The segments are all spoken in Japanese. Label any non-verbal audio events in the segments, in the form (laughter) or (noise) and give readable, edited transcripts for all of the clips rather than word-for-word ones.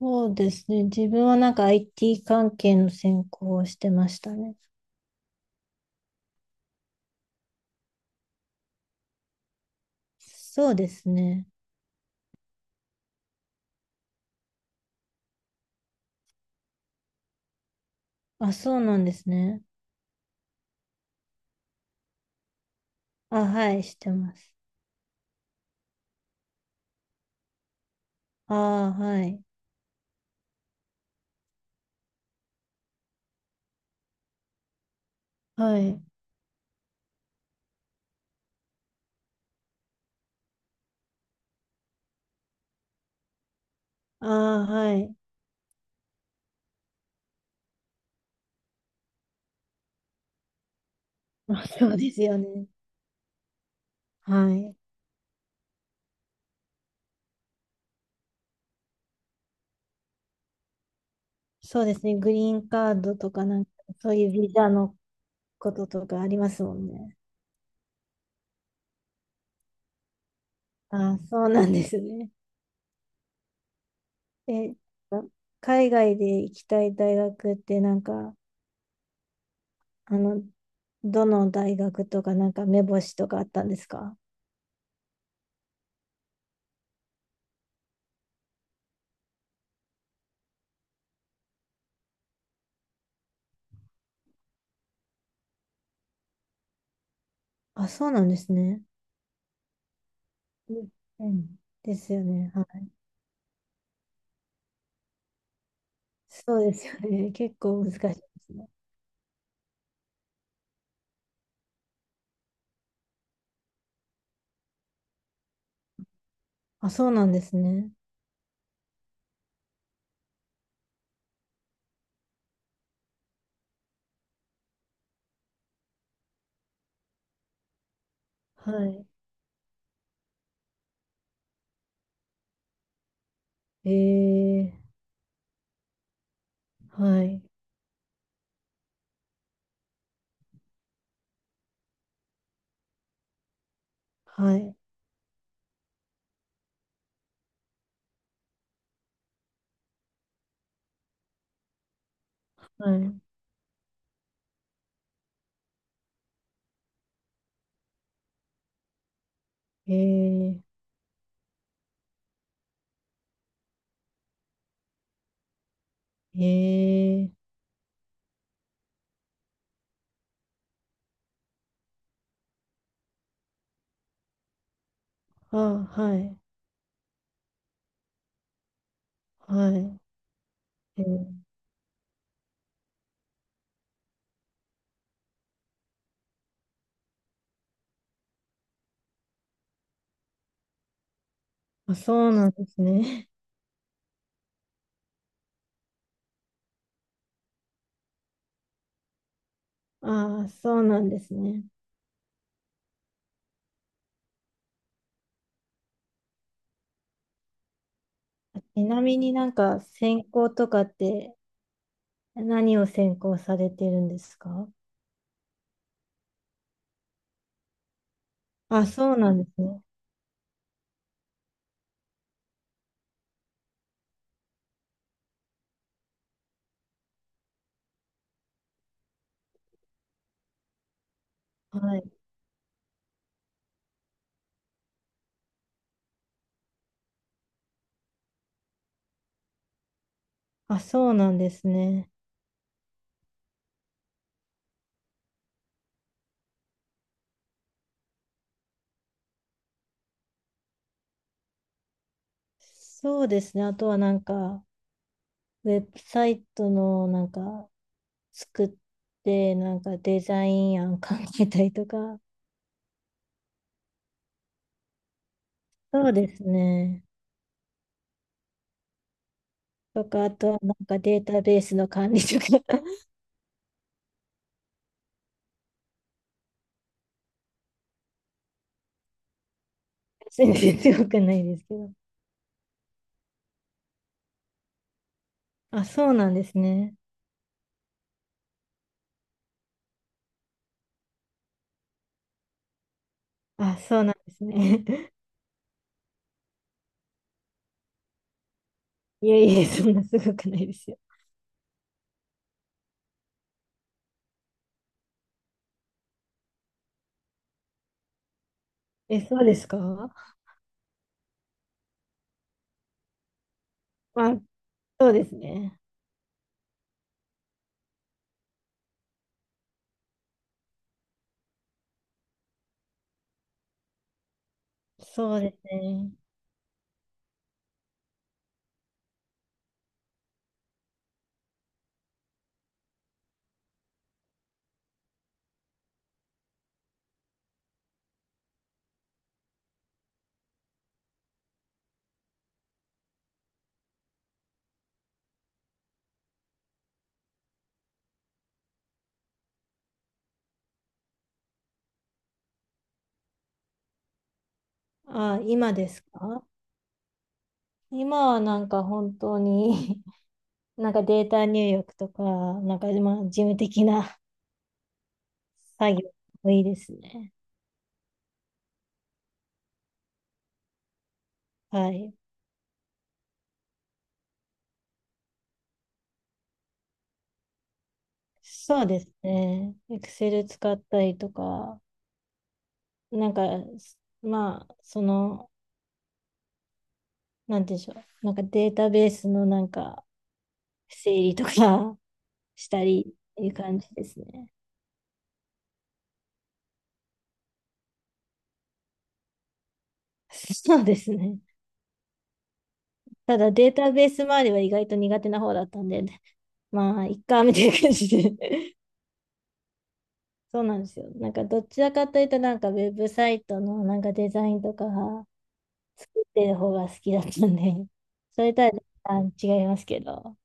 そうですね。自分はなんか IT 関係の専攻をしてましたね。そうですね。あ、そうなんですね。あ、はい、してます。あー、はい。はい。あー、はい。(laughs) あ、そうですよね。はい。そうですね。グリーンカードとかなんか、そういうビザのこととかありますもんね。あ、そうなんですね。え、海外で行きたい大学ってなんか、あの、どの大学とかなんか目星とかあったんですか？あ、そうなんですね。うんうん、ですよね。はい。そうですよね。(laughs) 結構難しいですね。あ、そうなんですね。はい。えー、はい。はい。はい。えー、えー、あ、はい。はい。えー、あ、そうなんですね。(laughs) あ、そうなんですね。ちなみになんか専攻とかって何を専攻されてるんですか？あ、そうなんですね。はい。あ、そうなんですね。そうですね。あとはなんか、ウェブサイトのなんか作って、なんかデザイン案考えたりとか、そうですね。とか、あとはなんかデータベースの管理とか、(laughs) 全然強くないですけど。あ、そうなんですね。あ、そうなんですね。(laughs) いえいえ、そんなすごくないですよ。え、そうですか？あ、そうですね。そうですね。あ、今ですか？今はなんか本当に (laughs) なんかデータ入力とか、なんかまあ事務的な作業もいいですね。はい。そうですね。Excel 使ったりとか、なんか、まあ、なんていうんでしょう。なんかデータベースのなんか整理とか (laughs) したりっていう感じですね。そうですね。ただデータベース周りは意外と苦手な方だったんで、まあ、いっか、みたいな感じで。そうなんですよ。なんかどちらかというとなんかウェブサイトのなんかデザインとか作ってる方が好きだったんで、(laughs) それとは若干違いますけど。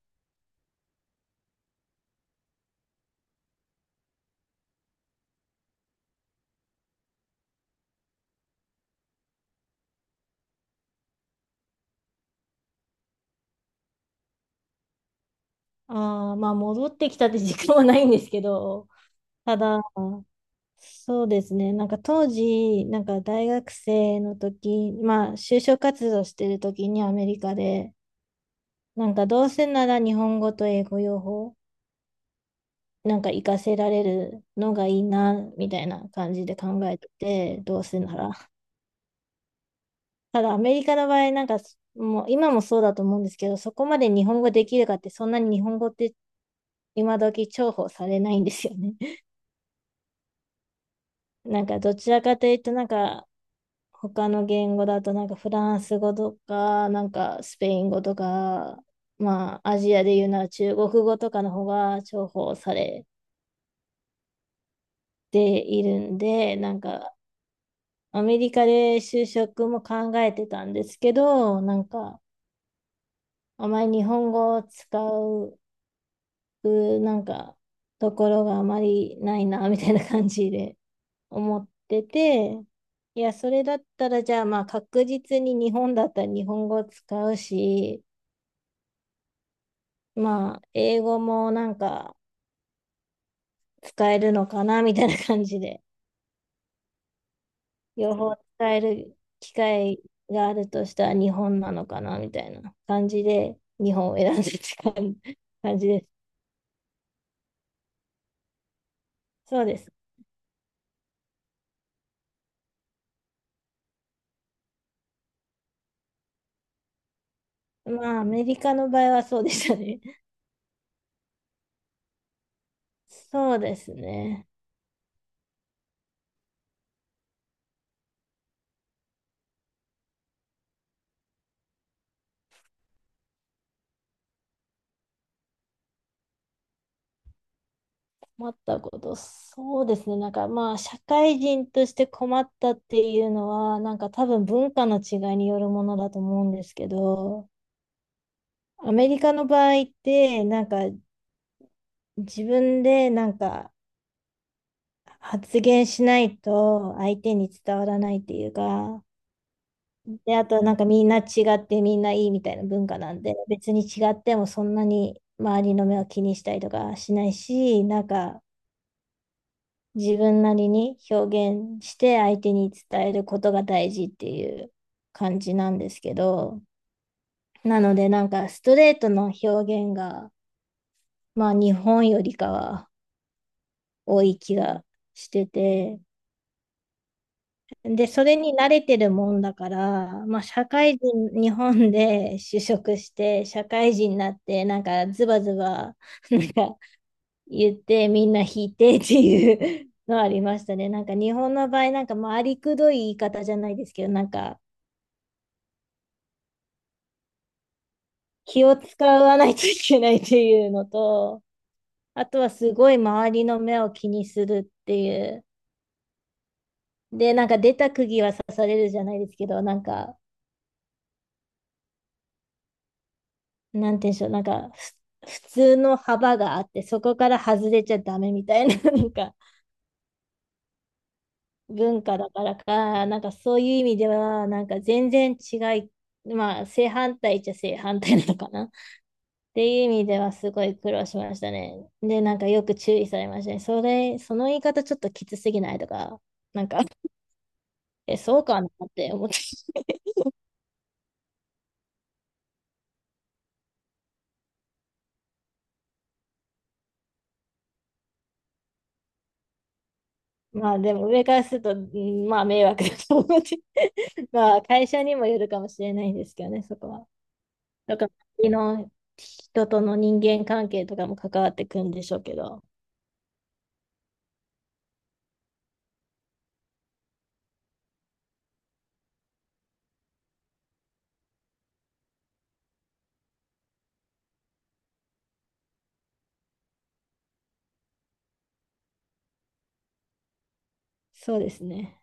ああ、まあ戻ってきたって時間はないんですけど、ただ、そうですね、なんか当時、なんか大学生の時、まあ就職活動してる時にアメリカで、なんかどうせなら日本語と英語両方、なんか活かせられるのがいいな、みたいな感じで考えてて、どうせなら。ただアメリカの場合、なんか、もう今もそうだと思うんですけど、そこまで日本語できるかって、そんなに日本語って今時重宝されないんですよね。(laughs) なんかどちらかというと、なんか他の言語だと、なんかフランス語とか、なんかスペイン語とか、まあアジアでいうなら中国語とかの方が重宝されているんで、なんかアメリカで就職も考えてたんですけど、なんかあまり日本語を使うくなんかところがあまりないなみたいな感じで思ってて、いや、それだったらじゃあまあ確実に日本だったら日本語使うし、まあ英語もなんか使えるのかなみたいな感じで、両方使える機会があるとしたら日本なのかなみたいな感じで日本を選んでって感じです。そうです。まあアメリカの場合はそうでしたね。そうですね。困ったこと、そうですね。なんかまあ、社会人として困ったっていうのは、なんか多分文化の違いによるものだと思うんですけど、アメリカの場合って、なんか自分でなんか発言しないと相手に伝わらないっていうか、で、あとなんかみんな違ってみんないいみたいな文化なんで、別に違ってもそんなに周りの目を気にしたりとかしないし、なんか自分なりに表現して相手に伝えることが大事っていう感じなんですけど、なのでなんかストレートの表現が、まあ日本よりかは多い気がしてて、で、それに慣れてるもんだから、まあ社会人、日本で就職して社会人になってなんかズバズバなんか言ってみんな引いてっていう (laughs) のありましたね。(laughs) なんか日本の場合、なんかまあありくどい言い方じゃないですけど、なんか気を使わないといけないっていうのと、あとはすごい周りの目を気にするっていう。で、なんか出た釘は刺されるじゃないですけど、なんか、なんて言うんでしょう、なんか普通の幅があって、そこから外れちゃダメみたいな、(laughs) なんか文化だからか、なんかそういう意味では、なんか全然違い、まあ正反対っちゃ正反対なのかな。っていう意味ではすごい苦労しましたね。で、なんかよく注意されましたね。その言い方ちょっときつすぎないとか、なんか、え、そうかなって思って。(laughs) まあでも上からすると、うんまあ迷惑だと思って。(laughs) まあ会社にもよるかもしれないんですけどね、そこは。だから、周りの人との人間関係とかも関わってくるんでしょうけど、そうですね。